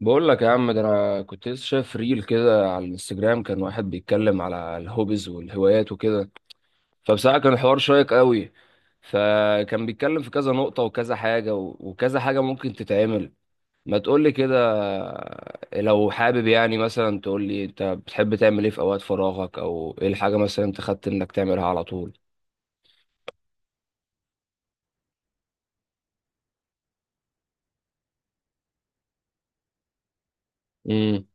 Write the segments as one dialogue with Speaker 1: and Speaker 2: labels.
Speaker 1: بقول لك يا عم ده انا كنت لسه شايف ريل كده على الانستجرام. كان واحد بيتكلم على الهوبيز والهوايات وكده، فبصراحه كان الحوار شيق قوي. فكان بيتكلم في كذا نقطه وكذا حاجه وكذا حاجه ممكن تتعمل. ما تقول لي كده، لو حابب يعني مثلا تقول لي انت بتحب تعمل ايه في اوقات فراغك، او ايه الحاجه مثلا انت خدت انك تعملها على طول. امم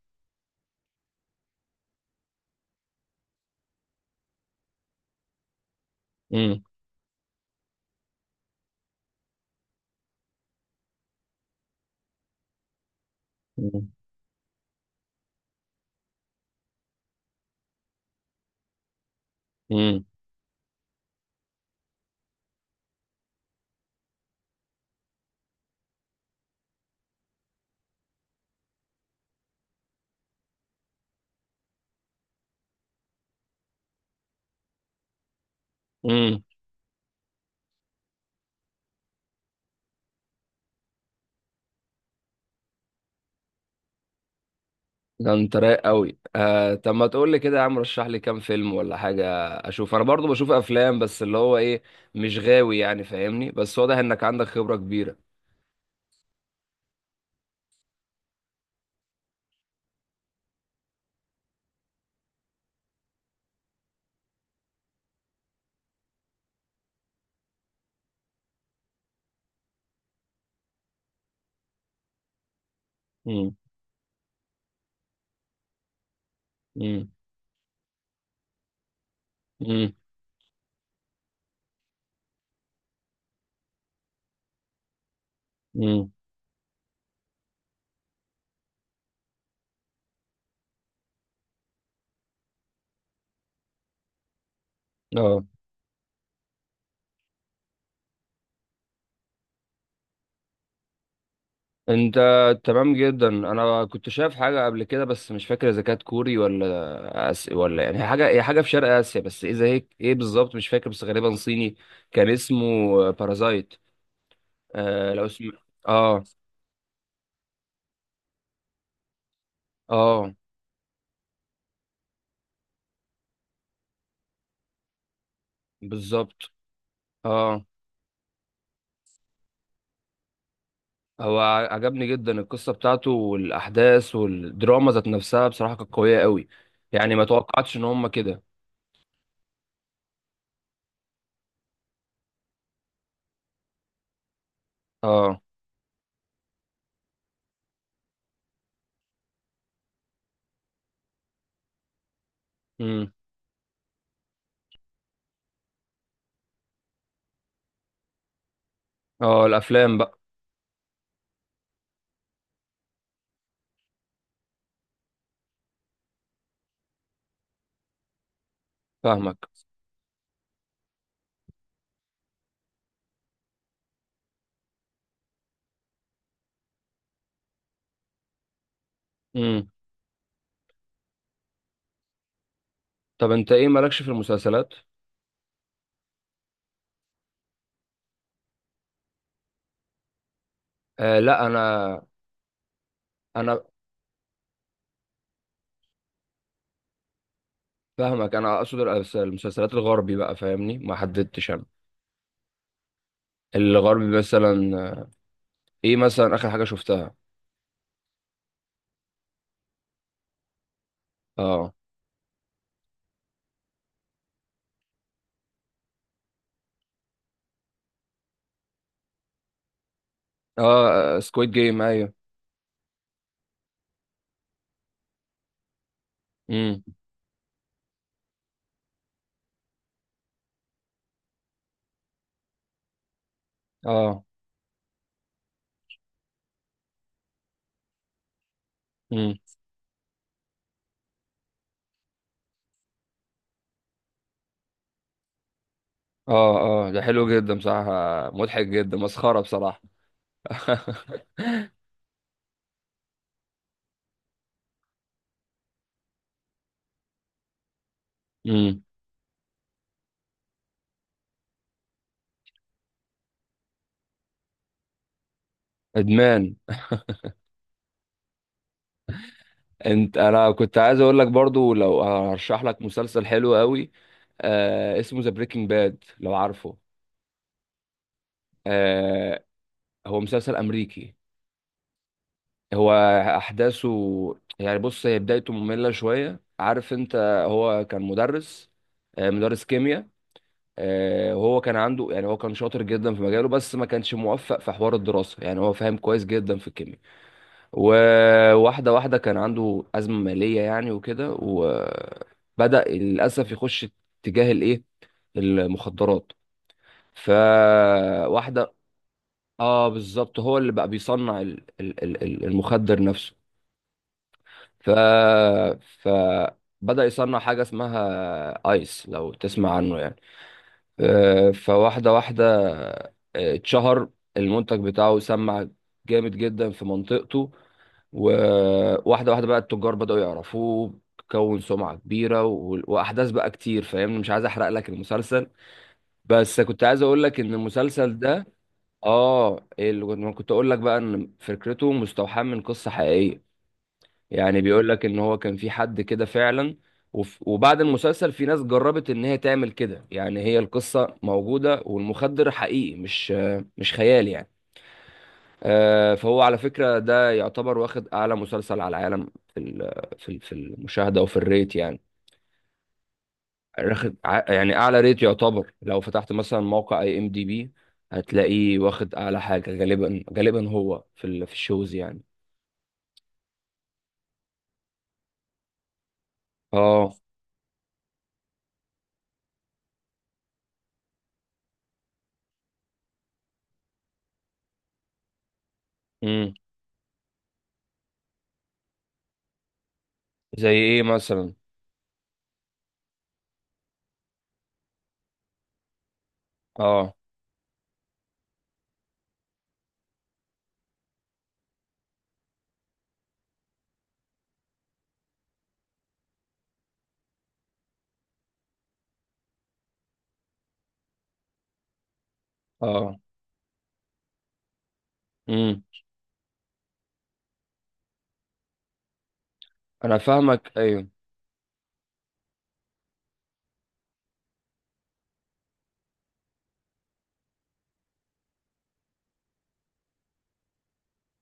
Speaker 1: امم امم ده انت رايق قوي آه. طب ما تقول لي كده يا عم، رشح لي كام فيلم ولا حاجه اشوف. انا برضو بشوف افلام بس اللي هو ايه، مش غاوي يعني فاهمني، بس واضح انك عندك خبره كبيره. امم امم امم امم اه انت تمام جدا. انا كنت شايف حاجه قبل كده بس مش فاكر اذا كانت كوري ولا يعني هي حاجه هي حاجه في شرق اسيا، بس اذا هيك ايه إيه بالظبط مش فاكر، بس غالبا صيني. كان اسمه بارازايت. آه لو اسم. اه. اه بالظبط. اه هو عجبني جدا القصه بتاعته والاحداث والدراما ذات نفسها، بصراحه كانت قويه قوي. يعني ما توقعتش ان هم كده. اه. امم اه الافلام بقى. فاهمك. امم طب انت ايه مالكش في المسلسلات؟ آه لا انا. انا فاهمك، انا اقصد المسلسلات الغربي بقى فاهمني، ما حددتش انا الغربي، مثلا ايه مثلا اخر حاجه شفتها؟ اه. اه سكويد جيم ايوه. امم اه. امم اه. اه ده حلو جدا بصراحه، مضحك جدا مسخره بصراحه. امم ادمان. انت انا كنت عايز اقول لك برضو، لو هرشح لك مسلسل حلو قوي آه، اسمه ذا بريكنج باد لو عارفه. آه. هو مسلسل امريكي. هو احداثه، يعني بص هي بدايته مملة شوية عارف انت. هو كان مدرس، آه مدرس كيمياء. آه وهو كان عنده يعني هو كان شاطر جدا في مجاله، بس ما كانش موفق في حوار الدراسة، يعني هو فاهم كويس جدا في الكيمياء. وواحدة واحدة كان عنده أزمة مالية يعني وكده، وبدأ للأسف يخش اتجاه الإيه، المخدرات. فواحدة. اه بالظبط، هو اللي بقى بيصنع المخدر نفسه. ف فبدأ يصنع حاجة اسمها آيس لو تسمع عنه يعني. فواحدة واحدة آه، اتشهر المنتج بتاعه، سمع جامد جدا في منطقته. وواحدة واحدة بقى التجار بدأوا يعرفوه، كون سمعة كبيرة وأحداث بقى كتير فاهمني، مش عايز أحرق لك المسلسل. بس كنت عايز أقول لك إن المسلسل ده آه، اللي كنت أقول لك بقى، إن فكرته مستوحاة من قصة حقيقية. يعني بيقول لك ان هو كان في حد كده فعلا. وبعد المسلسل في ناس جربت ان هي تعمل كده، يعني هي القصة موجودة والمخدر حقيقي، مش خيال يعني. فهو على فكرة ده يعتبر واخد اعلى مسلسل على العالم في المشاهدة وفي الريت يعني. واخد يعني اعلى ريت يعتبر، لو فتحت مثلا موقع اي ام دي بي هتلاقيه واخد اعلى حاجة، غالبا هو في الشوز يعني. اه. امم زي ايه مثلا؟ اه. اه. امم انا فاهمك ايوه.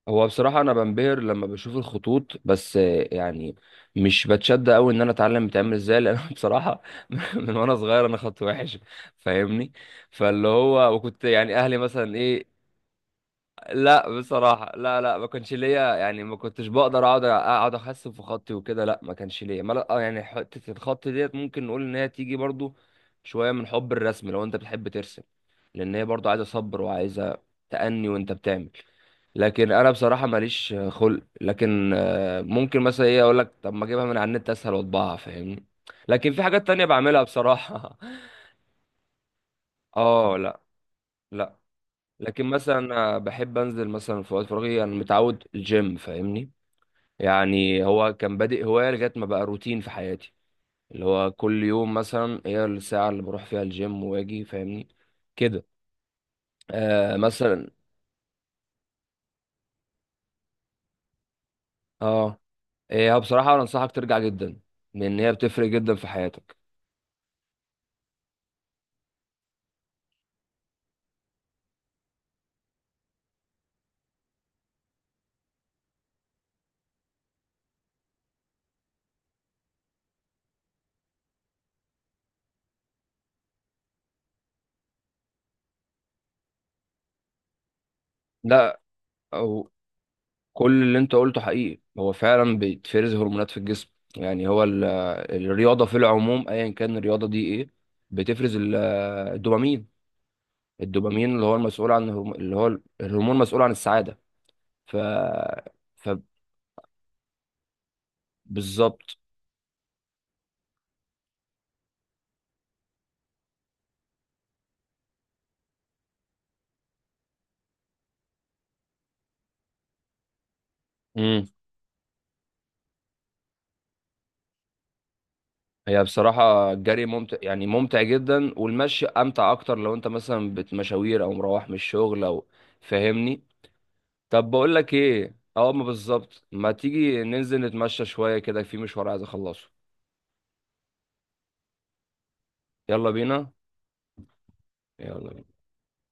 Speaker 1: هو بصراحه انا بنبهر لما بشوف الخطوط، بس يعني مش بتشد قوي ان انا اتعلم بتعمل ازاي، لان أنا بصراحه من وانا صغير انا خط وحش فاهمني. فاللي هو وكنت يعني اهلي مثلا ايه، لا بصراحة لا لا ما كانش ليا، يعني ما كنتش بقدر اقعد احسن في خطي وكده، لا ما كانش ليا ما لا يعني حتة الخط ديت ممكن نقول ان هي تيجي برضو شوية من حب الرسم، لو انت بتحب ترسم. لان هي برضو عايزة صبر وعايزة تأني وانت بتعمل. لكن انا بصراحة ماليش خلق، لكن ممكن مثلا ايه اقول لك طب ما اجيبها من على النت اسهل واطبعها فاهمني. لكن في حاجات تانية بعملها بصراحة اه. لا لا. لكن مثلا أنا بحب انزل مثلا في وقت فراغي، انا متعود الجيم فاهمني. يعني هو كان بادئ هوايه لغايه ما بقى روتين في حياتي. اللي هو كل يوم مثلا هي الساعه اللي بروح فيها الجيم واجي فاهمني كده. آه مثلا. اه هي بصراحه انا انصحك ترجع جدا، لان هي بتفرق جدا في حياتك. لا أو كل اللي انت قلته حقيقي، هو فعلا بيتفرز هرمونات في الجسم. يعني هو الرياضه في العموم ايا كان الرياضه دي ايه بتفرز الدوبامين. الدوبامين اللي هو المسؤول عن اللي هو الهرمون المسؤول عن السعادة. ف فبالظبط. امم هي بصراحة الجري ممتع يعني ممتع جدا، والمشي أمتع أكتر لو أنت مثلا بتمشاوير أو مروح من الشغل أو فاهمني. طب بقول لك إيه أه ما بالظبط، ما تيجي ننزل نتمشى شوية كده في مشوار عايز أخلصه. يلا بينا. يلا.